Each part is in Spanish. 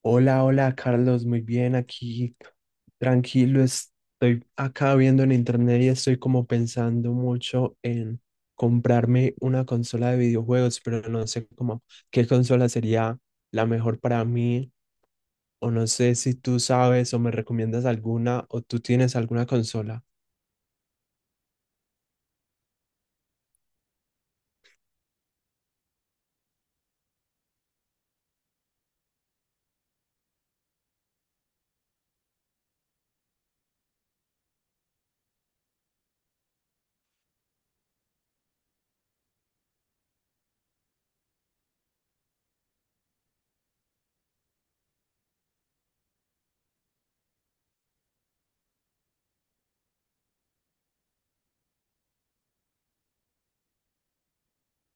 Hola, hola Carlos, muy bien aquí, tranquilo, estoy acá viendo en internet y estoy como pensando mucho en comprarme una consola de videojuegos, pero no sé cómo qué consola sería la mejor para mí, o no sé si tú sabes o me recomiendas alguna o tú tienes alguna consola.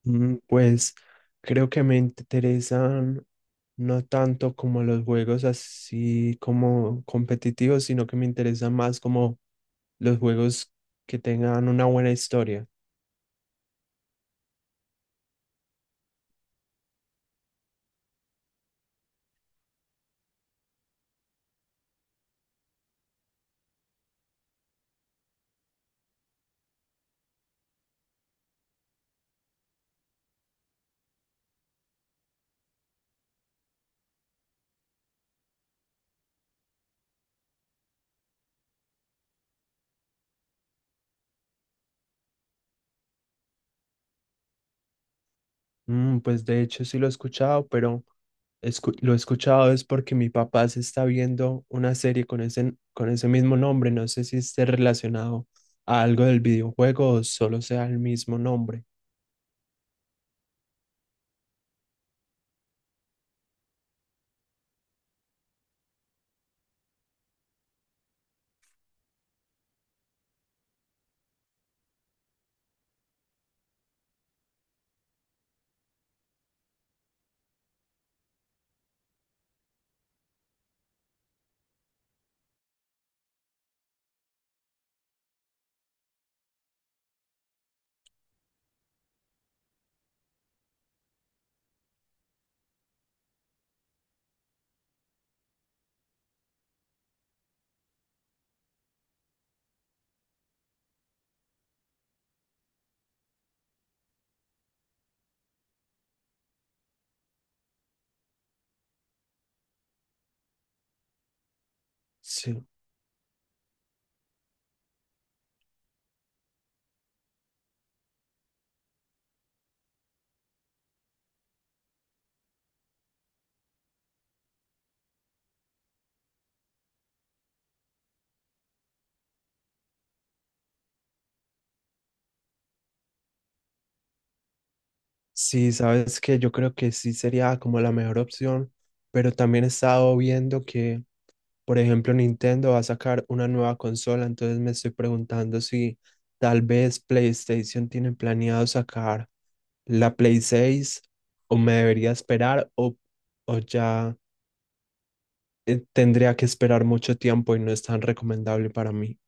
Pues creo que me interesan no tanto como los juegos así como competitivos, sino que me interesan más como los juegos que tengan una buena historia. Pues de hecho sí lo he escuchado, pero lo he escuchado es porque mi papá se está viendo una serie con con ese mismo nombre. No sé si esté relacionado a algo del videojuego o solo sea el mismo nombre. Sí, sí, sabes que yo creo que sí sería como la mejor opción, pero también he estado viendo que. Por ejemplo, Nintendo va a sacar una nueva consola, entonces me estoy preguntando si tal vez PlayStation tiene planeado sacar la Play 6 o me debería esperar o ya tendría que esperar mucho tiempo y no es tan recomendable para mí.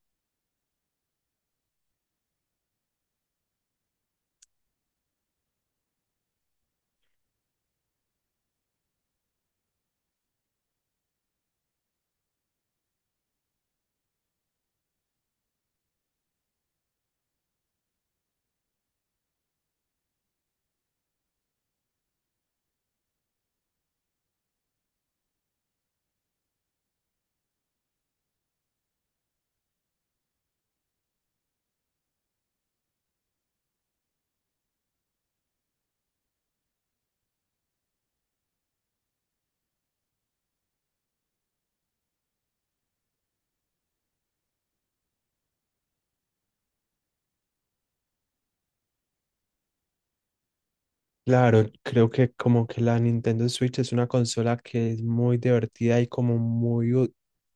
Claro, creo que como que la Nintendo Switch es una consola que es muy divertida y como muy,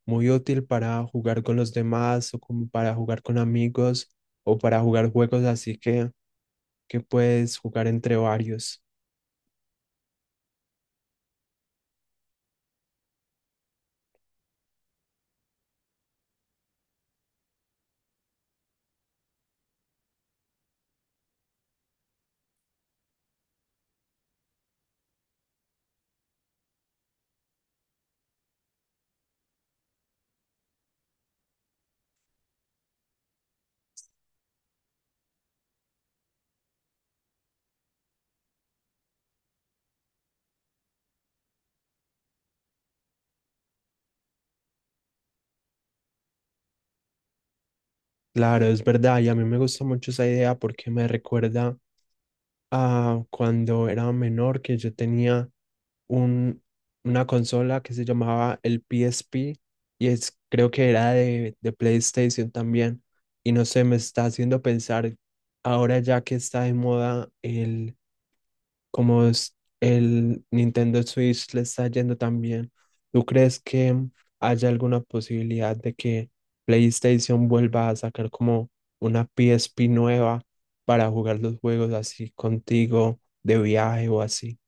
muy útil para jugar con los demás o como para jugar con amigos o para jugar juegos así que puedes jugar entre varios. Claro, es verdad, y a mí me gusta mucho esa idea porque me recuerda a cuando era menor que yo tenía un, una consola que se llamaba el P S P y es, creo que era de PlayStation también. Y no sé, me está haciendo pensar ahora ya que está de moda el como es el Nintendo Switch le está yendo también. ¿Tú crees que haya alguna posibilidad de que PlayStation vuelva a sacar como una PSP nueva para jugar los juegos así contigo de viaje o así?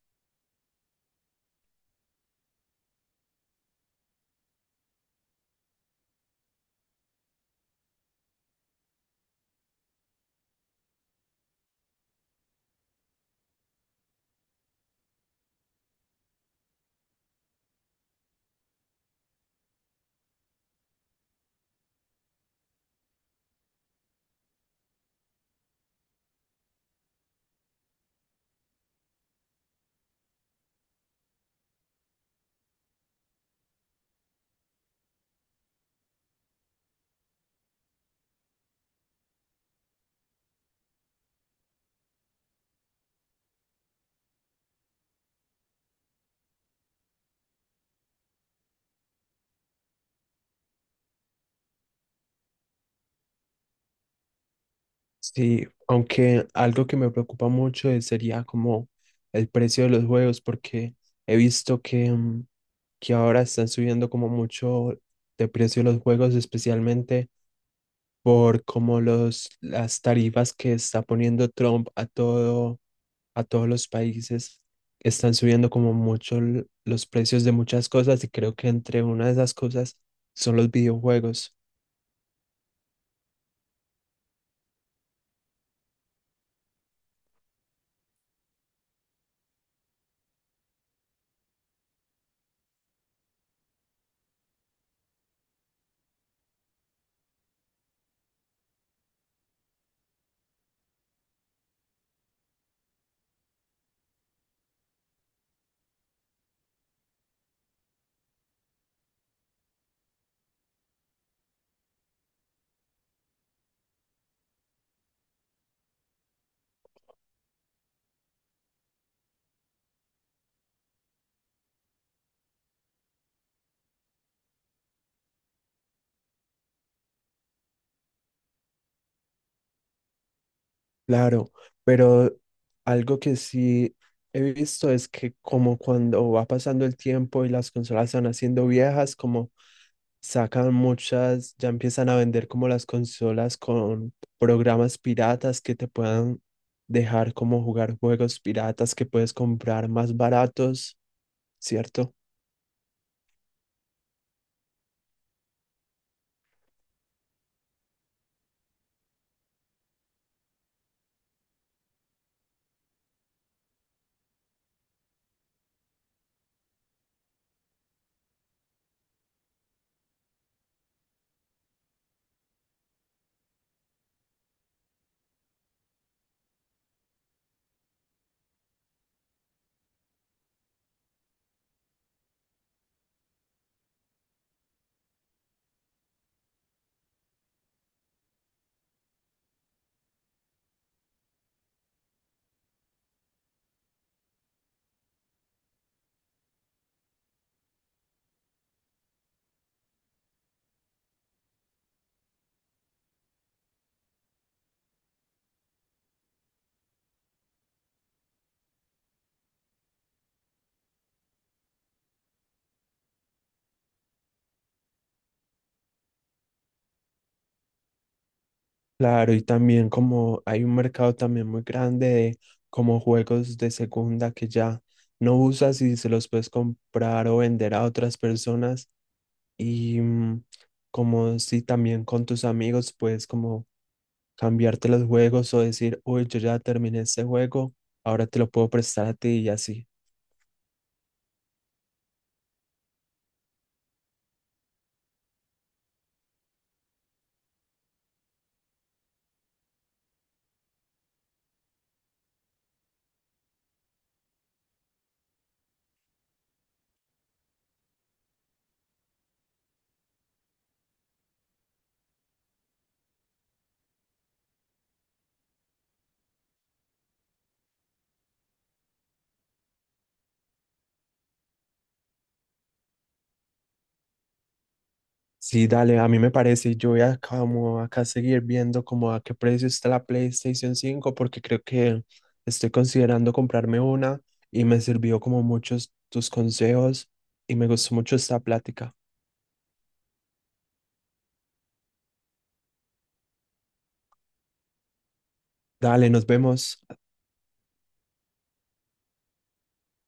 Sí, aunque algo que me preocupa mucho es- sería como el precio de los juegos, porque he visto que, que ahora están subiendo como mucho de precio los juegos, especialmente por como las tarifas que está poniendo Trump a todo, a todos los países, están subiendo como mucho los precios de muchas cosas y creo que entre una de esas cosas son los videojuegos. Claro, pero algo que sí he visto es que como cuando va pasando el tiempo y las consolas se van haciendo viejas, como sacan muchas, ya empiezan a vender como las consolas con programas piratas que te puedan dejar como jugar juegos piratas que puedes comprar más baratos, ¿cierto? Claro, y también como hay un mercado también muy grande de como juegos de segunda que ya no usas y se los puedes comprar o vender a otras personas y como si también con tus amigos puedes como cambiarte los juegos o decir, uy, yo ya terminé este juego, ahora te lo puedo prestar a ti y así. Sí, dale, a mí me parece, yo voy a como acá seguir viendo como a qué precio está la PlayStation 5 porque creo que estoy considerando comprarme una y me sirvió como muchos tus consejos y me gustó mucho esta plática. Dale, nos vemos.